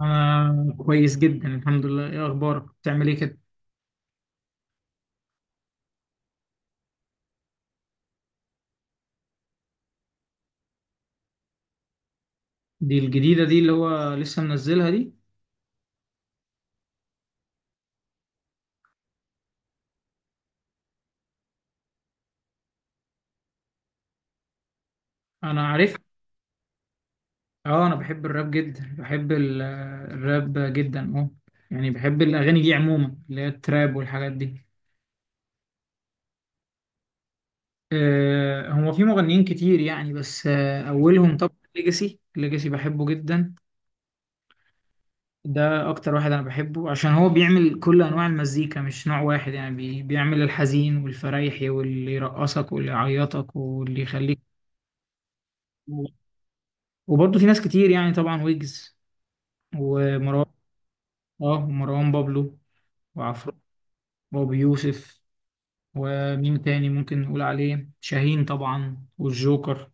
أنا كويس جدا، الحمد لله. إيه أخبارك؟ بتعمل إيه كده؟ دي الجديدة دي اللي هو لسه منزلها دي؟ أنا عارف. أه، أنا بحب الراب جدا، بحب الراب جدا. يعني بحب الأغاني دي عموما، اللي هي التراب والحاجات دي. أه، هو في مغنيين كتير يعني، بس أولهم طبعا ليجاسي، ليجاسي بحبه جدا. ده أكتر واحد أنا بحبه عشان هو بيعمل كل أنواع المزيكا، مش نوع واحد، يعني بيعمل الحزين والفريحي واللي يرقصك واللي يعيطك واللي يخليك. وبرضه في ناس كتير يعني، طبعا ويجز ومروان، اه، ومروان بابلو وعفرو وابو يوسف. ومين تاني ممكن نقول عليه؟ شاهين طبعا والجوكر.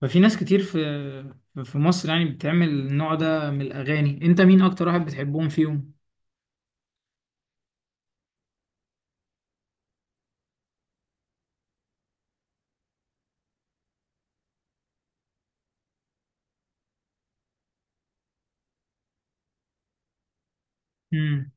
ففي ناس كتير في مصر يعني بتعمل النوع ده من الأغاني. انت مين اكتر واحد بتحبهم فيهم؟ امم،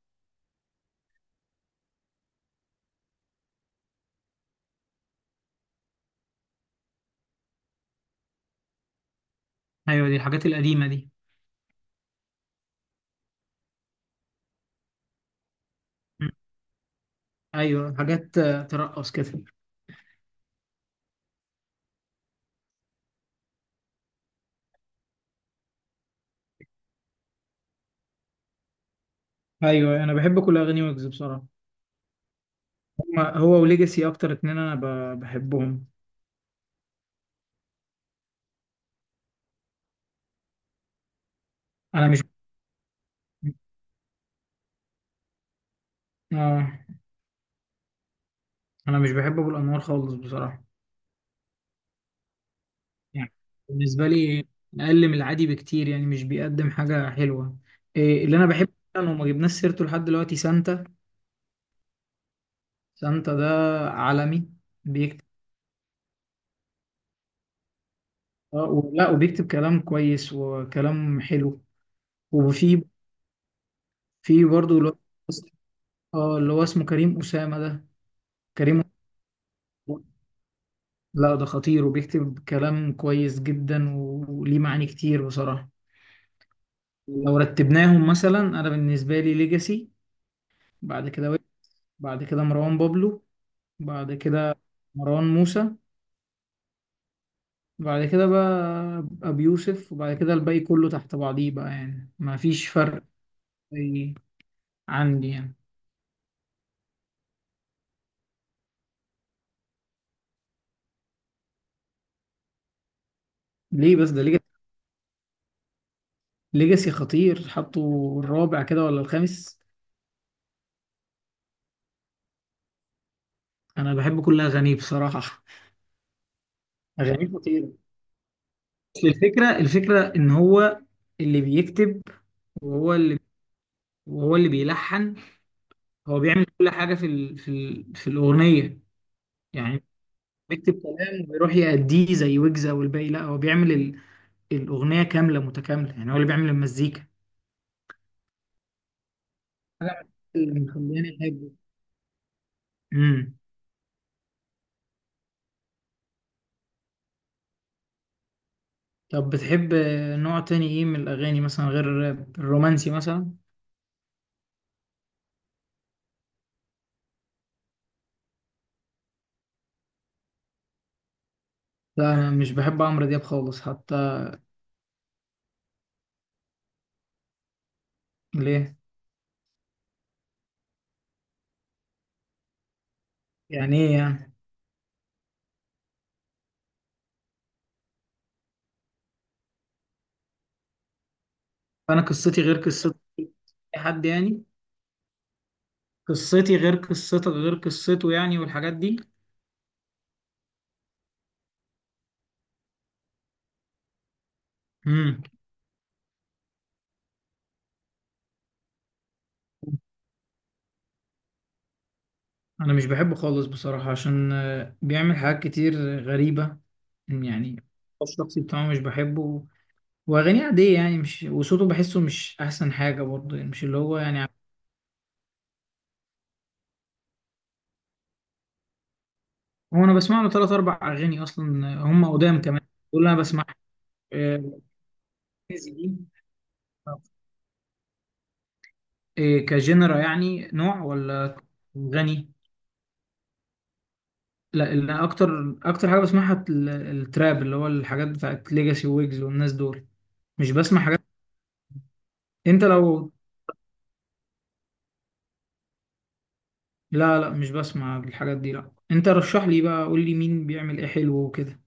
ايوه، دي الحاجات القديمة دي. مم. ايوه، حاجات ترقص كده. ايوه، انا بحب كل اغاني ويجز بصراحة. هو وليجاسي اكتر اتنين انا بحبهم. انا مش اه، انا مش بحب ابو الانوار خالص بصراحه، يعني بالنسبه لي اقل من العادي بكتير يعني، مش بيقدم حاجه حلوه. إيه اللي انا بحبه فعلا وما جبناش سيرته لحد دلوقتي؟ سانتا. سانتا ده عالمي، بيكتب ولا، وبيكتب كلام كويس وكلام حلو. وفي في برضه اللي هو اسمه كريم أسامة ده. كريم أسامة. لا، ده خطير وبيكتب كلام كويس جدا، وليه معاني كتير بصراحة. لو رتبناهم مثلا، انا بالنسبة لي ليجاسي، بعد كده، بعد كده مروان بابلو، بعد كده مروان موسى، بعد كده بقى أبي يوسف، وبعد كده الباقي كله تحت بعضيه بقى، يعني ما فيش فرق، زي عندي يعني. ليه بس ده؟ ليجاسي، ليجاسي خطير. حطوا الرابع كده ولا الخامس؟ أنا بحب كل أغانيه بصراحة، أغانيه خطيرة. بس الفكرة، إن هو اللي بيكتب، وهو اللي وهو اللي بيلحن. هو بيعمل كل حاجة في الأغنية يعني، بيكتب كلام ويروح يأديه زي ويجز او الباقي. لا، هو بيعمل الاغنيه كامله متكامله، يعني هو اللي بيعمل المزيكا. حاجه اللي مخليني احبه. امم. طب بتحب نوع تاني ايه من الاغاني مثلا، غير الرومانسي مثلا؟ لا، انا مش بحب عمرو دياب خالص حتى. ليه؟ يعني ايه يعني؟ انا قصتي غير قصتي، اي حد يعني، قصتي غير قصتك غير قصته، يعني والحاجات دي. امم انا مش بحبه خالص بصراحة، عشان بيعمل حاجات كتير غريبة يعني. الشخصي بتاعه مش بحبه، واغانيه عادية يعني، مش، وصوته بحسه مش احسن حاجة برضه، يعني مش اللي هو يعني. هو انا بسمع له ثلاث اربع اغاني اصلا، هم قدام كمان، دول انا بسمع آه، زي دي. كجنرا يعني نوع، ولا غني؟ لا، اللي اكتر اكتر حاجة بسمعها التراب، اللي هو الحاجات بتاعت ليجاسي ويجز والناس دول. مش بسمع حاجات. انت لو، لا لا، مش بسمع الحاجات دي. لا، انت رشح لي بقى، قول لي مين بيعمل ايه حلو وكده.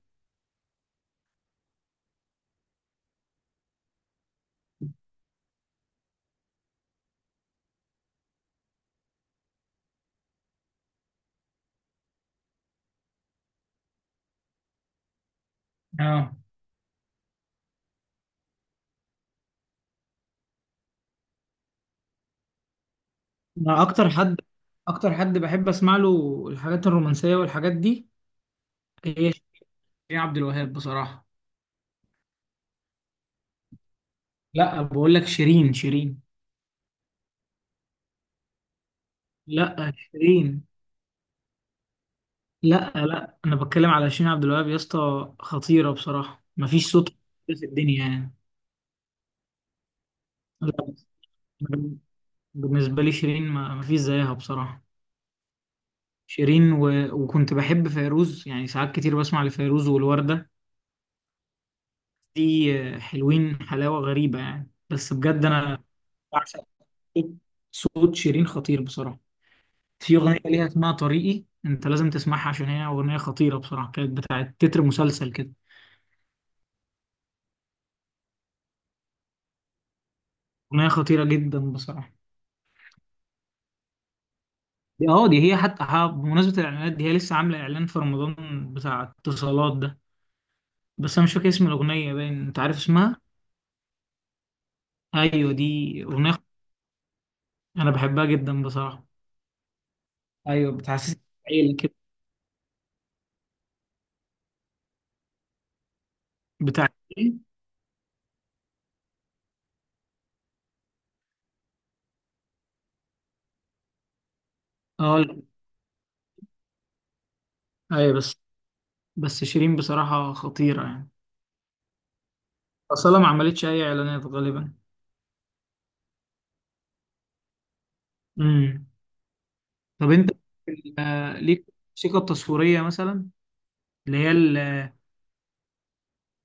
اه، انا اكتر حد اكتر حد بحب اسمع له الحاجات الرومانسية والحاجات دي، هي شيرين عبد الوهاب بصراحة. لا، بقول لك شيرين، شيرين. لا، شيرين. لا لا، انا بتكلم على شيرين عبد الوهاب يا اسطى، خطيرة بصراحة، مفيش صوت في الدنيا يعني. لا، بالنسبة لي شيرين ما مفيش زيها بصراحة. شيرين وكنت بحب فيروز، يعني ساعات كتير بسمع لفيروز والوردة دي، حلوين حلاوة غريبة يعني، بس بجد أنا بعشق صوت صوت شيرين، خطير بصراحة. في أغنية ليها اسمها طريقي، أنت لازم تسمعها عشان هي أغنية خطيرة بصراحة، كانت بتاعت تتر مسلسل كده. أغنية خطيرة جدا بصراحة. دي هي حتى، بمناسبة الإعلانات دي، هي لسه عاملة إعلان في رمضان بتاع اتصالات ده. بس أنا مش فاكر اسم الأغنية، باين أنت عارف اسمها؟ أيوه، دي أنا بحبها جدا بصراحة. أيوه، بتحسسك بعيلة كده. بتاعت إيه؟ اه، لا. أيوه، بس شيرين بصراحة خطيرة يعني، أصلا ما عملتش أي إعلانات غالبا. امم طب أنت، ليك الموسيقى التصويرية مثلا، اللي هي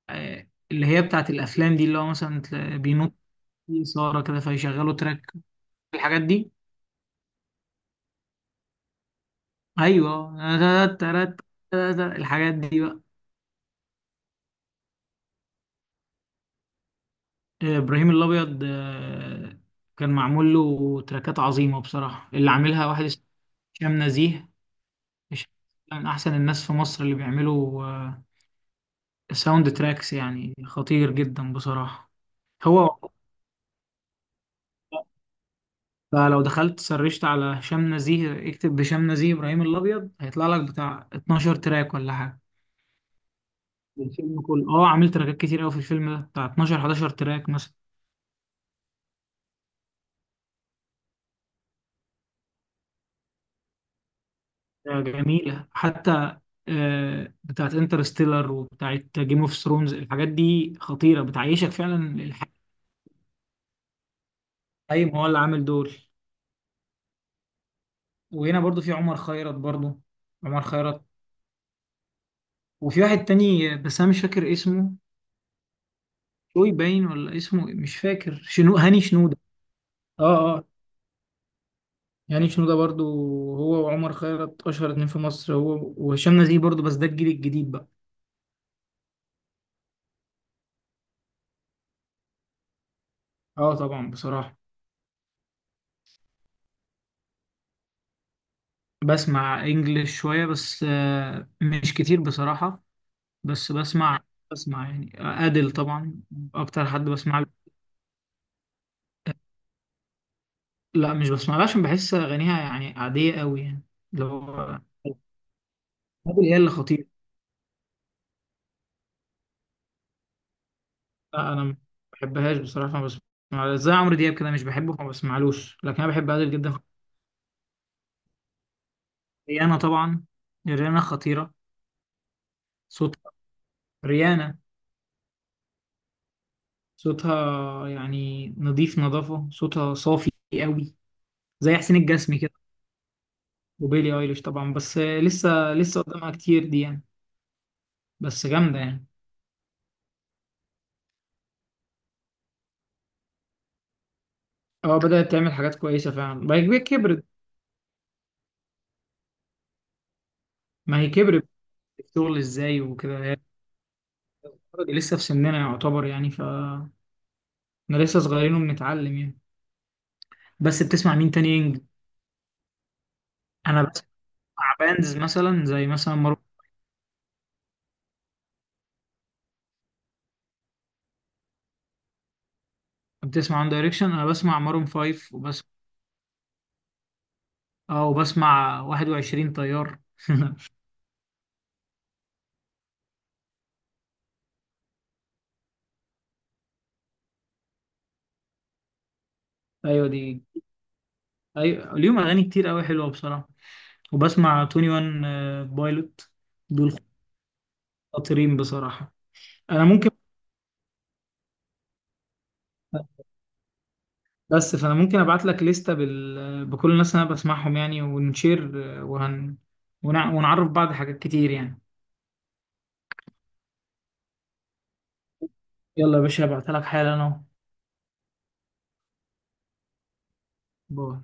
اللي هي بتاعت الأفلام دي، اللي هو مثلا بينط في إثارة كده فيشغلوا تراك، الحاجات دي. أيوه الحاجات دي بقى. إبراهيم الأبيض، كان معمول له تراكات عظيمة بصراحة، اللي عاملها واحد اسمه هشام نزيه. هشام من أحسن الناس في مصر اللي بيعملوا الساوند تراكس، يعني خطير جدا بصراحة. هو فلو دخلت سرشت على هشام نزيه، اكتب هشام نزيه إبراهيم الأبيض، هيطلع لك بتاع 12 تراك ولا حاجة. الفيلم كله عامل تراكات كتير قوي في الفيلم ده، بتاع 12، 11 تراك مثلا. جميلة حتى، بتاعت انترستيلر وبتاعت جيم اوف ثرونز، الحاجات دي خطيرة بتعيشك فعلا. ايوه، هو اللي عامل دول. وهنا برضو في عمر خيرت برضو. عمر خيرت. وفي واحد تاني، بس انا مش فاكر اسمه، شوي باين ولا اسمه إيه؟ مش فاكر شنو، هاني شنودة. اه. اه، هاني شنودة برضو. هو وعمر خيرت اشهر اتنين في مصر، هو وهشام نزيه برضو، بس ده الجيل الجديد بقى. اه، طبعا بصراحة. بسمع انجلش شوية بس مش كتير بصراحة. بس بسمع، بسمع يعني أديل طبعا اكتر حد بسمع له. لا، مش بسمع لها عشان بحس اغانيها يعني عادية قوي يعني، اللي هو أديل هي اللي خطيرة. لا انا ما بحبهاش بصراحه، ما بسمع، زي عمرو دياب كده مش بحبه فما بسمعلوش، لكن انا بحب عادل جدا. ريانا طبعا، ريانا خطيره، صوتها، ريانا، صوتها يعني نظيف، نظافه صوتها صافي قوي، زي حسين الجسمي كده. وبيلي ايليش طبعا، بس لسه قدامها كتير دي يعني، بس جامده يعني. اه، بدات تعمل حاجات كويسه فعلا، ما هي كبرت. ما هي كبرت في الشغل ازاي وكده، هي لسه في سننا يعتبر، يعني فاحنا لسه صغيرين وبنتعلم يعني. بس بتسمع مين تاني؟ انا بسمع باندز مثلا، زي مثلا مارون. بتسمع عن دايركشن؟ انا بسمع مارون فايف وبس. اه، وبسمع 21 طيار. ايوه دي، ايوه ليهم اغاني كتير قوي حلوه بصراحه. وبسمع 21 بايلوت دول، خطيرين بصراحه. انا ممكن، بس فانا ممكن ابعت لك لستة بكل الناس اللي انا بسمعهم يعني، ونشير، آه، وهن ونعرف بعض حاجات كتير يعني. يلا يا باشا، هبعتها لك حالا اهو. باي.